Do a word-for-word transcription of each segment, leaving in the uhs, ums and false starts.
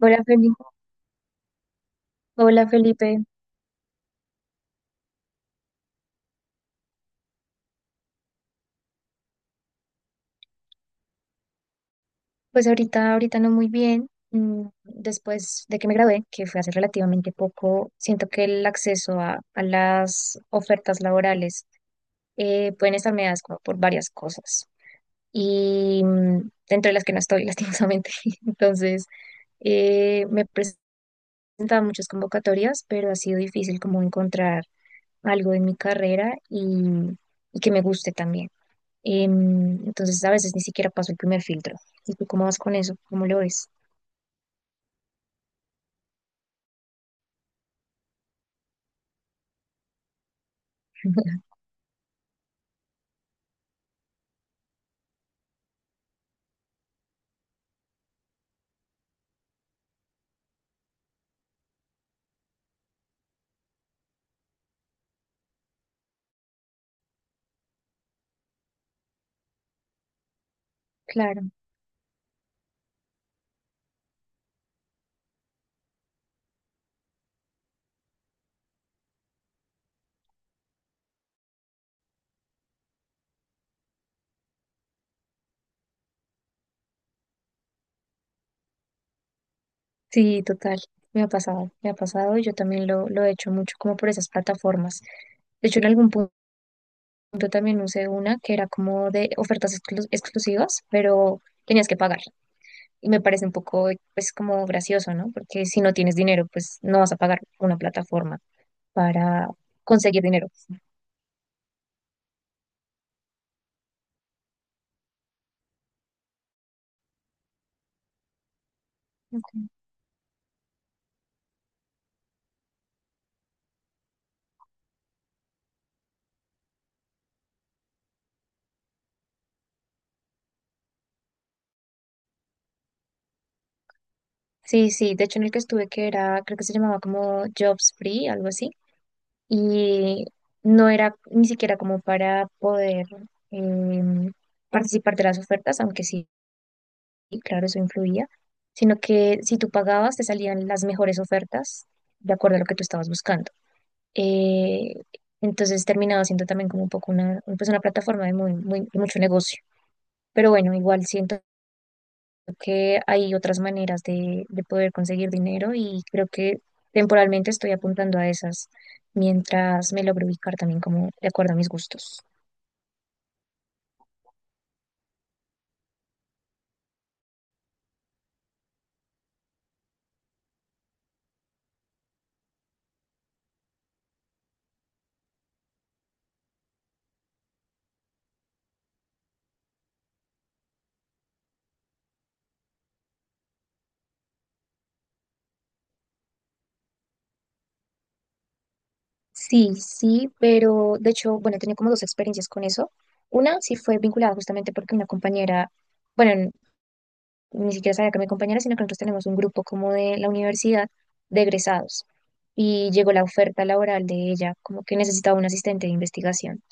Hola Felipe. Hola Felipe. Pues ahorita, ahorita no muy bien. Mm, después de que me gradué, que fue hace relativamente poco, siento que el acceso a, a las ofertas laborales eh, pueden estar mediadas como por varias cosas. Y mm, dentro de las que no estoy, lastimosamente. Entonces, eh, me he presentado a muchas convocatorias, pero ha sido difícil como encontrar algo en mi carrera y, y que me guste también. Em, entonces a veces ni siquiera paso el primer filtro. ¿Y tú cómo vas con eso? ¿Cómo lo ves? Claro, sí, total. Me ha pasado, me ha pasado y yo también lo, lo he hecho mucho como por esas plataformas. De hecho, en algún punto también usé una que era como de ofertas exclu- exclusivas, pero tenías que pagar. Y me parece un poco, pues, como gracioso, ¿no? Porque si no tienes dinero, pues no vas a pagar una plataforma para conseguir dinero. Sí, sí, de hecho en el que estuve que era, creo que se llamaba como Jobs Free, algo así, y no era ni siquiera como para poder em, participar de las ofertas, aunque sí, claro, eso influía, sino que si tú pagabas te salían las mejores ofertas de acuerdo a lo que tú estabas buscando. Eh, entonces terminaba siendo también como un poco una, pues una plataforma de, muy, muy, de mucho negocio. Pero bueno, igual siento que hay otras maneras de, de poder conseguir dinero y creo que temporalmente estoy apuntando a esas mientras me logro ubicar también como de acuerdo a mis gustos. Sí, sí, pero de hecho, bueno, he tenido como dos experiencias con eso. Una sí fue vinculada justamente porque una compañera, bueno, n- ni siquiera sabía que mi compañera, sino que nosotros tenemos un grupo como de la universidad de egresados y llegó la oferta laboral de ella, como que necesitaba un asistente de investigación.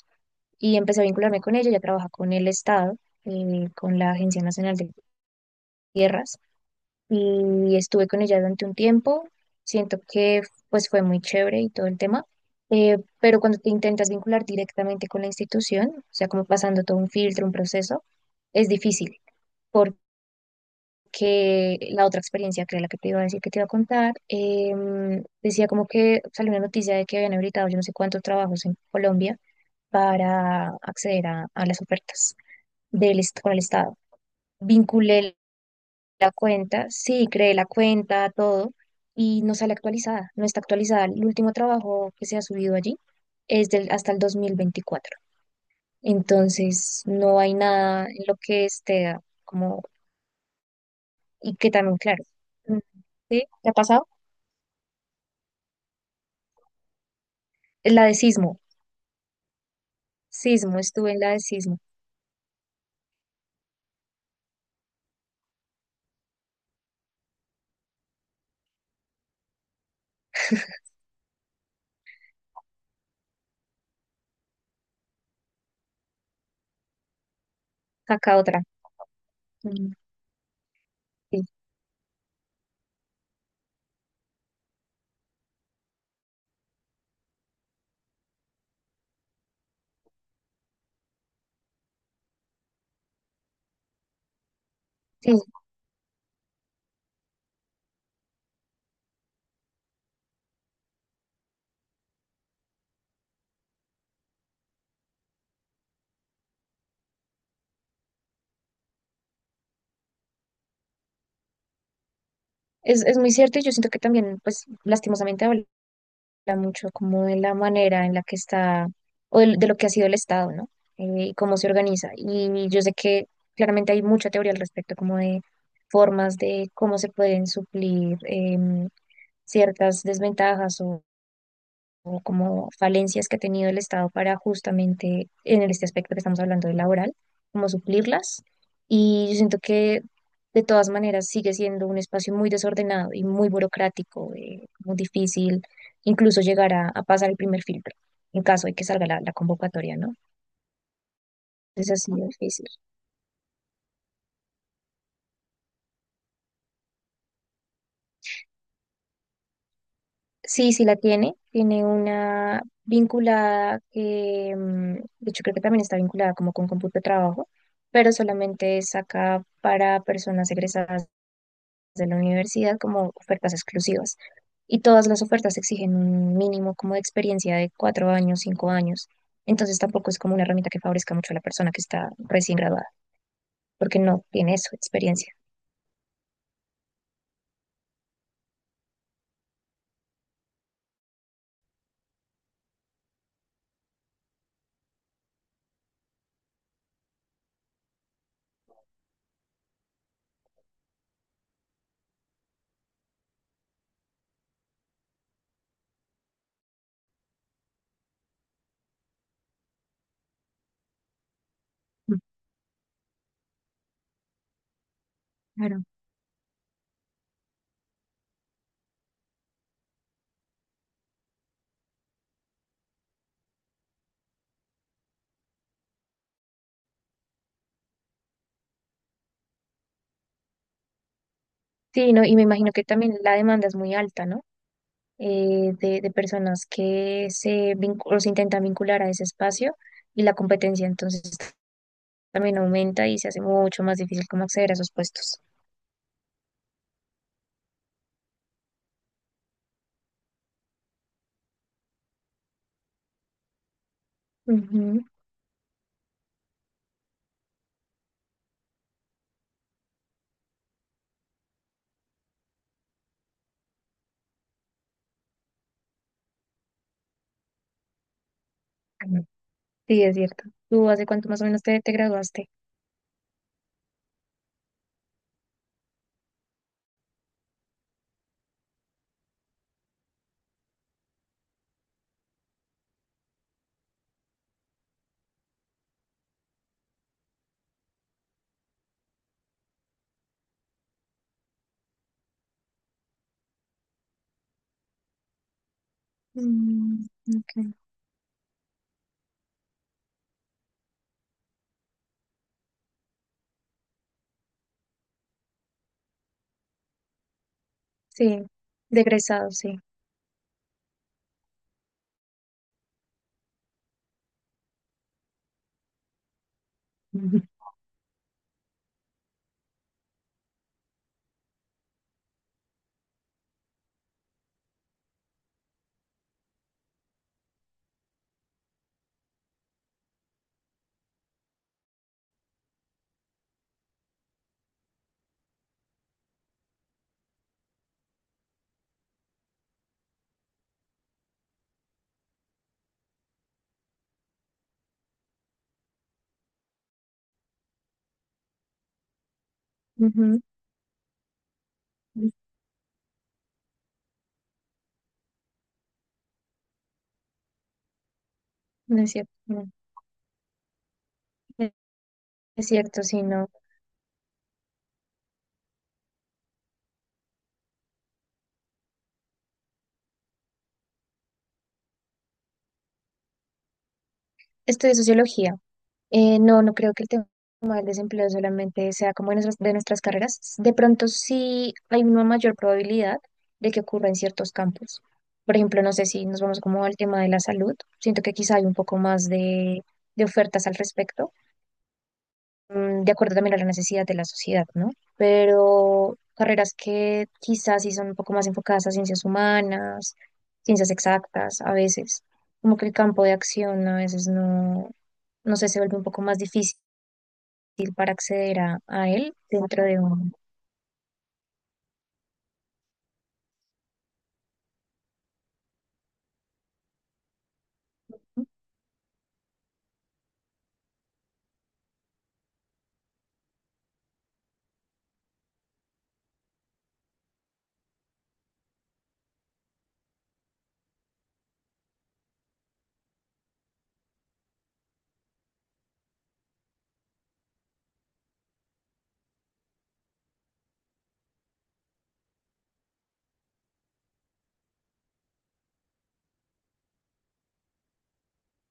Y empecé a vincularme con ella. Ya trabaja con el Estado, eh, con la Agencia Nacional de Tierras y estuve con ella durante un tiempo. Siento que pues fue muy chévere y todo el tema, eh, pero cuando te intentas vincular directamente con la institución, o sea, como pasando todo un filtro, un proceso, es difícil porque la otra experiencia, que era la que te iba a decir que te iba a contar, em, decía como que salió una noticia de que habían habilitado yo no sé cuántos trabajos en Colombia para acceder a, a las ofertas. Del, est- con el Estado. Vinculé la cuenta, sí, creé la cuenta, todo, y no sale actualizada, no está actualizada. El último trabajo que se ha subido allí es del, hasta el dos mil veinticuatro. Entonces, no hay nada en lo que esté como, y que también, claro, mm, ¿sí? ¿Te ha pasado? La de sismo, sismo, estuve en la de sismo, acá otra. Mm, sí, sí, es, es muy cierto y yo siento que también, pues, lastimosamente hablamos habla mucho como de la manera en la que está, o de, de lo que ha sido el Estado, ¿no? Eh, y cómo se organiza. Y yo sé que claramente hay mucha teoría al respecto, como de formas de cómo se pueden suplir em, ciertas desventajas o como falencias que ha tenido el Estado para justamente en este aspecto que estamos hablando de laboral, como suplirlas. Y yo siento que de todas maneras sigue siendo un espacio muy desordenado y muy burocrático, eh, muy difícil incluso llegar a, a pasar el primer filtro en caso de que salga la, la convocatoria, ¿no? Es así de difícil. Sí, sí la tiene. Tiene una vinculada que, mm, de hecho, creo que también está vinculada como con cómputo de trabajo, pero solamente es acá para personas egresadas de la universidad como ofertas exclusivas. Y todas las ofertas exigen un mínimo como de experiencia de cuatro años, cinco años. Entonces tampoco es como una herramienta que favorezca mucho a la persona que está recién graduada, porque no tiene eso, experiencia. Mm, claro. Sí, no, y me imagino que también la demanda es muy alta, ¿no? eh, de, de personas que se, vincu- o se intentan vincular a ese espacio y la competencia entonces también aumenta y se hace mucho más difícil como acceder a esos puestos. Ujú. Sí, es cierto. ¿Tú hace cuánto más o menos te, te graduaste? Mm, ok. Sí, de egresado, sí. Ujú. Ujú. No es cierto, no. Es cierto, sí, no. Estudié sociología. Eh, no, no creo que el tema del desempleo solamente sea como de nuestras, de nuestras carreras. De pronto sí hay una mayor probabilidad de que ocurra en ciertos campos. Por ejemplo, no sé si nos vamos como al tema de la salud. Siento que quizá hay un poco más de, de ofertas al respecto, mm, de acuerdo también a la necesidad de la sociedad, ¿no? Pero carreras que quizás sí son un poco más enfocadas a ciencias humanas, ciencias exactas, a veces. Como que el campo de acción a veces no, no sé, se vuelve un poco más difícil difícil para acceder a, a él dentro de un, ¿no?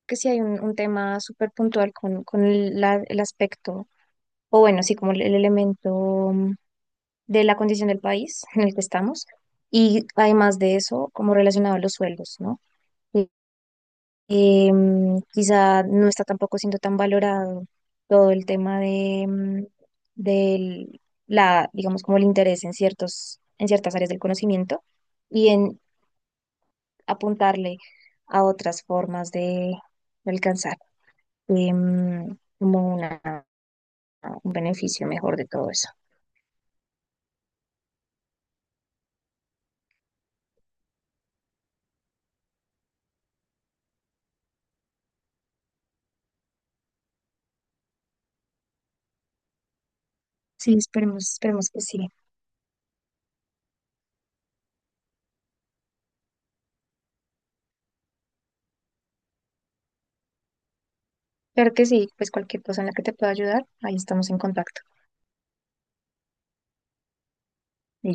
Que sí hay un, un tema súper puntual con, con el, la- el aspecto, o bueno, sí, como el, el elemento mm, de la condición del país en el que estamos, y además de eso, como relacionado a los sueldos, ¿no? Y- y, mm, quizá no está tampoco siendo tan valorado todo el tema de, mm, del, la, digamos, como el interés en ciertos, en ciertas áreas del conocimiento y en, apuntarle a otras formas de, de alcanzar em, como una, un beneficio mejor de todo eso. Sí, esperemos, esperemos que sí. Claro que sí, pues cualquier cosa en la que te pueda ayudar, ahí estamos en contacto. Y